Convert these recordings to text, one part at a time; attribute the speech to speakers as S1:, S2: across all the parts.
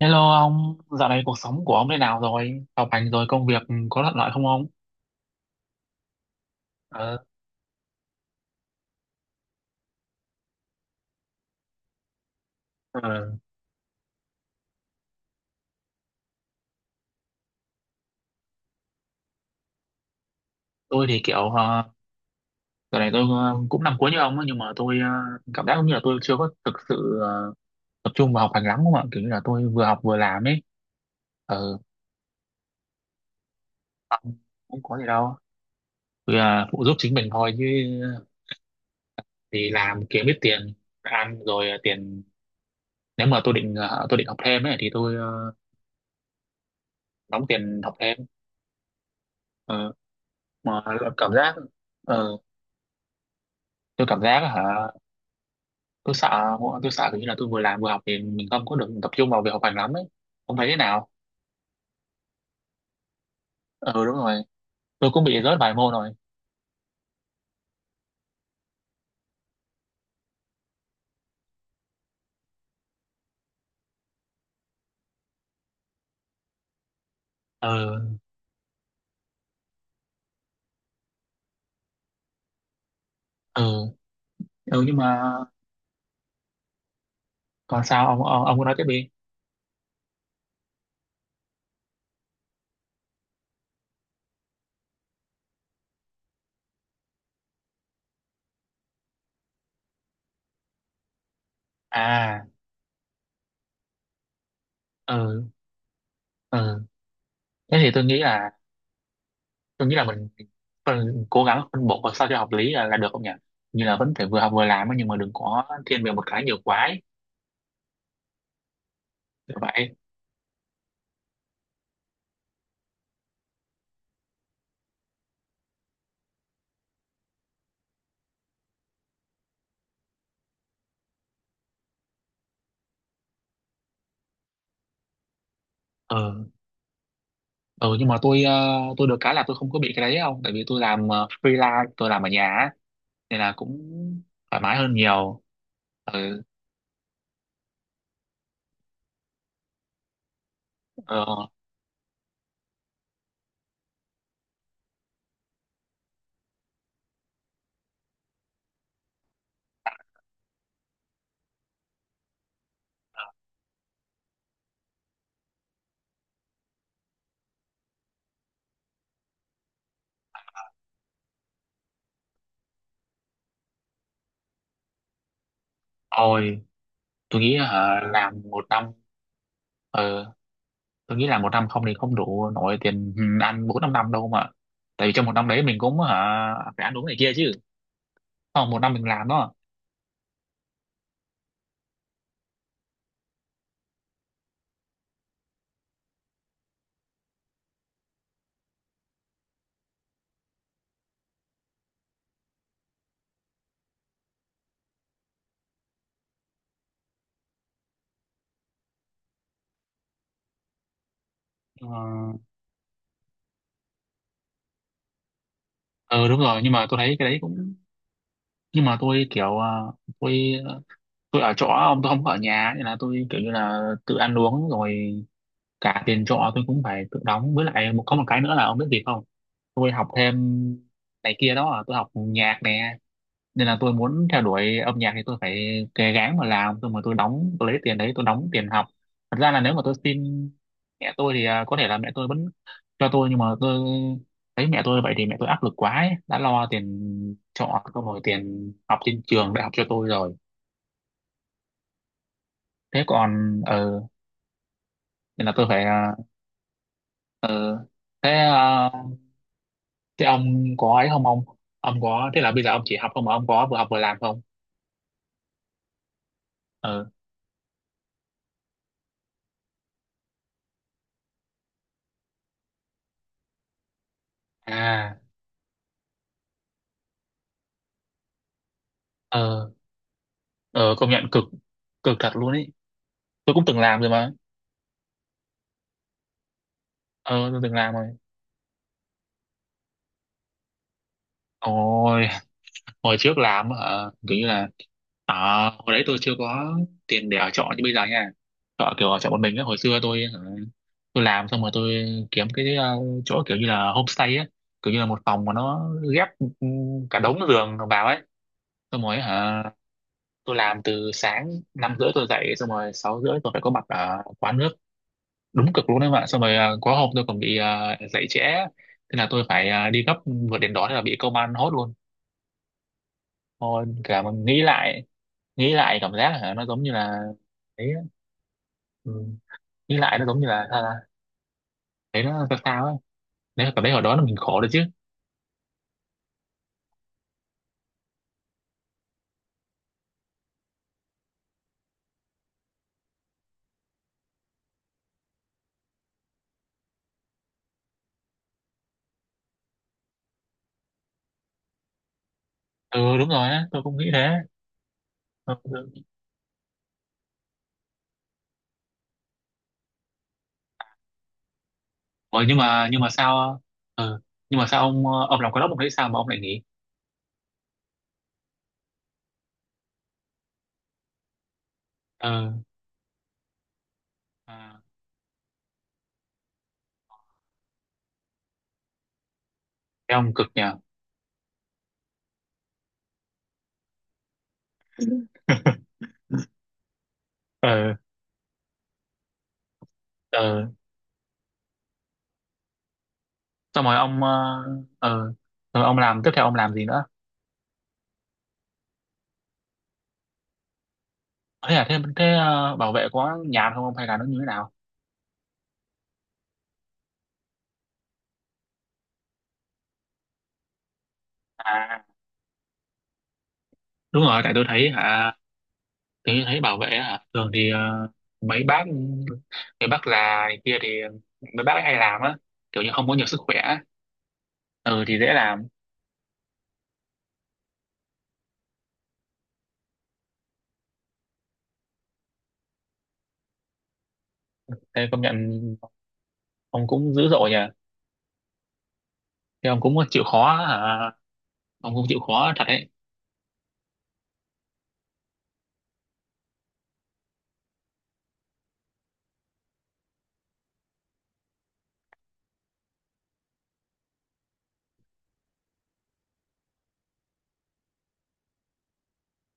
S1: Hello ông, dạo này cuộc sống của ông thế nào rồi? Học hành rồi công việc có thuận lợi không ông? Ờ, ờ, tôi thì kiểu dạo này tôi cũng năm cuối như ông ấy, nhưng mà tôi cảm giác như là tôi chưa có thực sự tập trung vào học hành lắm không ạ? Kiểu như là tôi vừa học vừa làm ấy. Ờ, ông cũng có gì đâu. Tôi phụ giúp chính mình thôi chứ thì làm kiếm ít tiền ăn rồi tiền nếu mà tôi định tôi định học thêm ấy thì tôi đóng tiền học thêm. Ờ, mà cảm giác ờ, tôi cảm giác hả, tôi sợ tôi sợ kiểu như là tôi vừa làm vừa học thì mình không có được tập trung vào việc học hành lắm ấy, không thấy thế nào? Ừ, đúng rồi, tôi cũng bị rớt vài môn rồi. Ừ, ừ, ừ, nhưng mà còn sao ông, ông cứ nói tiếp đi. À, ừ, ừ, thế thì tôi nghĩ là mình cố gắng phân bổ sao cho hợp lý là được không nhỉ, như là vẫn phải vừa học vừa làm ấy, nhưng mà đừng có thiên về một cái nhiều quá ấy. Kiểu vậy. Ừ, ừ, nhưng mà tôi được cái là tôi không có bị cái đấy không, tại vì tôi làm freelance, tôi làm ở nhà á, nên là cũng thoải mái hơn nhiều. Ừ, ờ, thôi tôi nghĩ hả, làm một năm. ờ, tôi nghĩ là một năm không thì không đủ nổi tiền ăn bốn năm năm đâu mà, tại vì trong một năm đấy mình cũng hả, phải ăn uống này kia chứ, không một năm mình làm đó. Ờ, ờ, đúng rồi nhưng mà tôi thấy cái đấy cũng, nhưng mà tôi kiểu tôi tôi ở chỗ ông, tôi không có ở nhà nên là tôi kiểu như là tự ăn uống rồi, cả tiền trọ tôi cũng phải tự đóng, với lại một có một cái nữa là ông biết gì không, tôi học thêm này kia đó à, tôi học nhạc nè, nên là tôi muốn theo đuổi âm nhạc thì tôi phải cố gắng mà làm, tôi mà tôi đóng, tôi lấy tiền đấy tôi đóng tiền học. Thật ra là nếu mà tôi xin mẹ tôi thì à, có thể là mẹ tôi vẫn cho tôi, nhưng mà tôi thấy mẹ tôi vậy thì mẹ tôi áp lực quá ấy. Đã lo tiền trọ có rồi, tiền học trên trường đại học cho tôi rồi. Thế còn nên là tôi phải ờ, thế à, thế ông có ấy không ông, ông có, thế là bây giờ ông chỉ học không mà ông có vừa học vừa làm không? Ờ. À. Ờ, ờ, công nhận cực, cực thật luôn ấy, tôi cũng từng làm rồi mà. Ờ tôi từng làm rồi. Ôi, hồi trước làm kiểu như là à, hồi đấy tôi chưa có tiền để ở trọ như bây giờ nha, trọ kiểu ở trọ một mình á, hồi xưa tôi tôi làm xong rồi tôi kiếm cái chỗ kiểu như là homestay á, kiểu như là một phòng mà nó ghép ừ, cả đống giường vào ấy. Xong rồi hả, tôi làm từ sáng 5:30 tôi dậy, xong rồi 6:30 tôi phải có mặt ở quán nước. Đúng cực luôn đấy bạn. Xong rồi à, có hôm tôi còn bị à, dậy trễ, thế là tôi phải à, đi gấp, vượt đến đó thế là bị công an hốt luôn. Thôi cả mình nghĩ lại, nghĩ lại cảm giác là nó giống như là đấy á. Ừ. Nghĩ lại nó giống như là sao ta? Thấy nó sao sao ấy. Đấy, cảm thấy hồi đó là mình khổ rồi chứ. Ừ, đúng rồi á, tôi cũng nghĩ thế. Ừ. Ừ. Ủa, nhưng mà sao? Ờ, ừ, nhưng mà sao ông làm cái đó ông thấy sao mà ông lại nghỉ? Ừ. À. Thấy ông cực nhỉ. Ừ. Ờ, xong rồi ông ờ, rồi ông làm tiếp theo, ông làm gì nữa? Thế là thế thế ờ, bảo vệ có nhàn không ông hay là nó như thế nào? À, đúng rồi, tại tôi thấy bảo vệ hả, thường thì mấy bác mấy bác già này kia thì mấy bác ấy hay làm á, kiểu như không có nhiều sức khỏe á. Ừ thì dễ làm. Thế công nhận ông cũng dữ dội nhỉ, thế ông cũng chịu khó hả, ông cũng chịu khó thật đấy.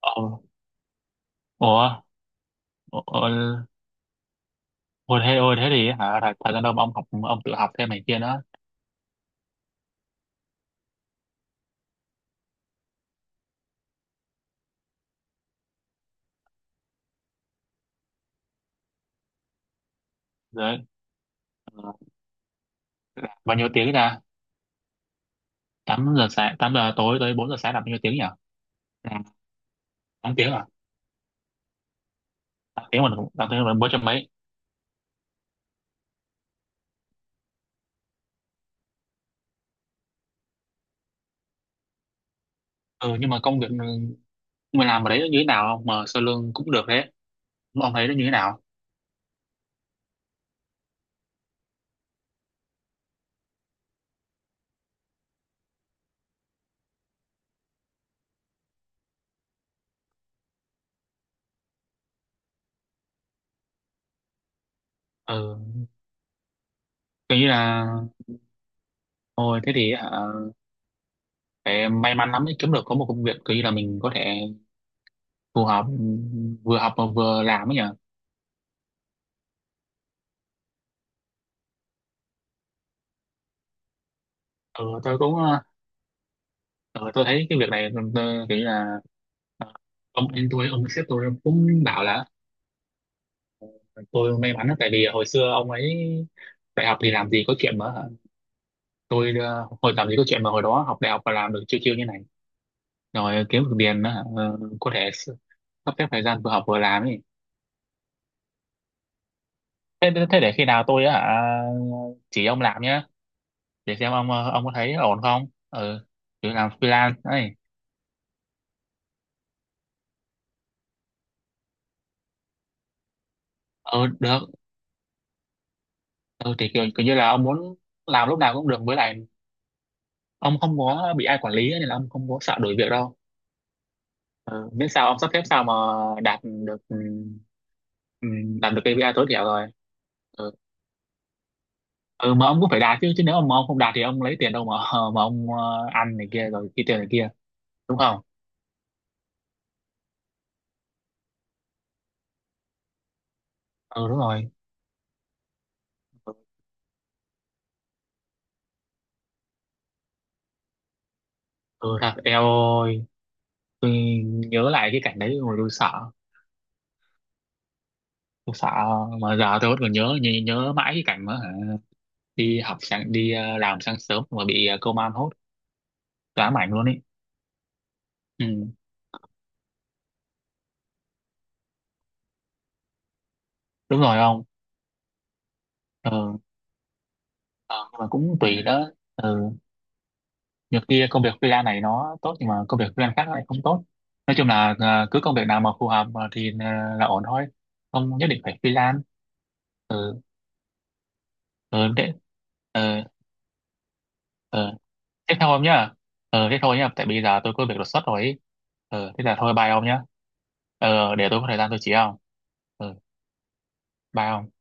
S1: Ờ. Ủa, ủa, ủa, thế ôi thế thì hả, thật ra đâu mà ông học, ông tự học thêm này kia nữa? Rồi bao nhiêu tiếng ra, 8 giờ sáng, 8 giờ tối tới 4 giờ sáng là bao nhiêu tiếng nhỉ, là 8 tiếng à? 8 tiếng mà. 8 tiếng mà 400 mấy? Ừ, nhưng mà công việc mình làm ở đấy nó như thế nào không mà sơ lương cũng được đấy, ông thấy nó như thế nào? Ừ, kiểu như là thôi, thế thì à, phải may mắn lắm mới kiếm được có một công việc kiểu như là mình có thể phù hợp, ừ, vừa học mà vừa làm ấy nhỉ. Ừ tôi cũng, ừ, tôi thấy cái việc này ừ, tôi, kiểu như là ờ, ông anh tôi, ông sếp tôi cũng bảo là tôi may mắn lắm, tại vì hồi xưa ông ấy đại học thì làm gì có chuyện mà hả, tôi hồi làm gì có chuyện mà hồi đó học đại học và làm được chiêu chiêu như này rồi kiếm được tiền nữa hả? Ờ, có thể sắp xếp thời gian vừa học vừa làm ấy. Thế để khi nào tôi hả, chỉ ông làm nhá, để xem ông có thấy ổn không. Ừ, kiểu làm freelance ấy. Ừ được. Ừ thì kiểu, kiểu như là ông muốn làm lúc nào cũng được, với lại ông không có bị ai quản lý ấy, nên là ông không có sợ đổi việc đâu. Ừ, miễn sao ông sắp xếp sao mà đạt được, ừ, đạt được KPI tối thiểu rồi. Ừ. Ừ mà ông cũng phải đạt chứ, chứ nếu mà ông không đạt thì ông lấy tiền đâu mà mà ông ăn này kia rồi kia tiền này kia, đúng không? Ừ, đúng rồi. Ừ thật. Eo ơi, tôi nhớ lại cái cảnh đấy rồi tôi sợ mà giờ tôi vẫn còn nhớ, nhớ, nhớ mãi cái cảnh mà hả, đi học sáng, đi làm sáng sớm mà bị công an hốt, ám ảnh luôn ấy. Ừ đúng rồi. Không. Ừ. Ờ, nhưng mà cũng tùy đó, ừ, nhiều kia công việc freelance này nó tốt nhưng mà công việc freelance khác lại không tốt, nói chung là à, cứ công việc nào mà phù hợp mà thì à, là ổn thôi, không nhất định phải freelance. Ờ thế. Ờ. Ờ thế thôi ông nhá, ờ thế thôi nhá, tại bây giờ tôi có việc đột xuất rồi ý. Ờ thế là thôi, bye ông nhá. Ờ để tôi có thời gian tôi chỉ ông. Ờ, bye ông.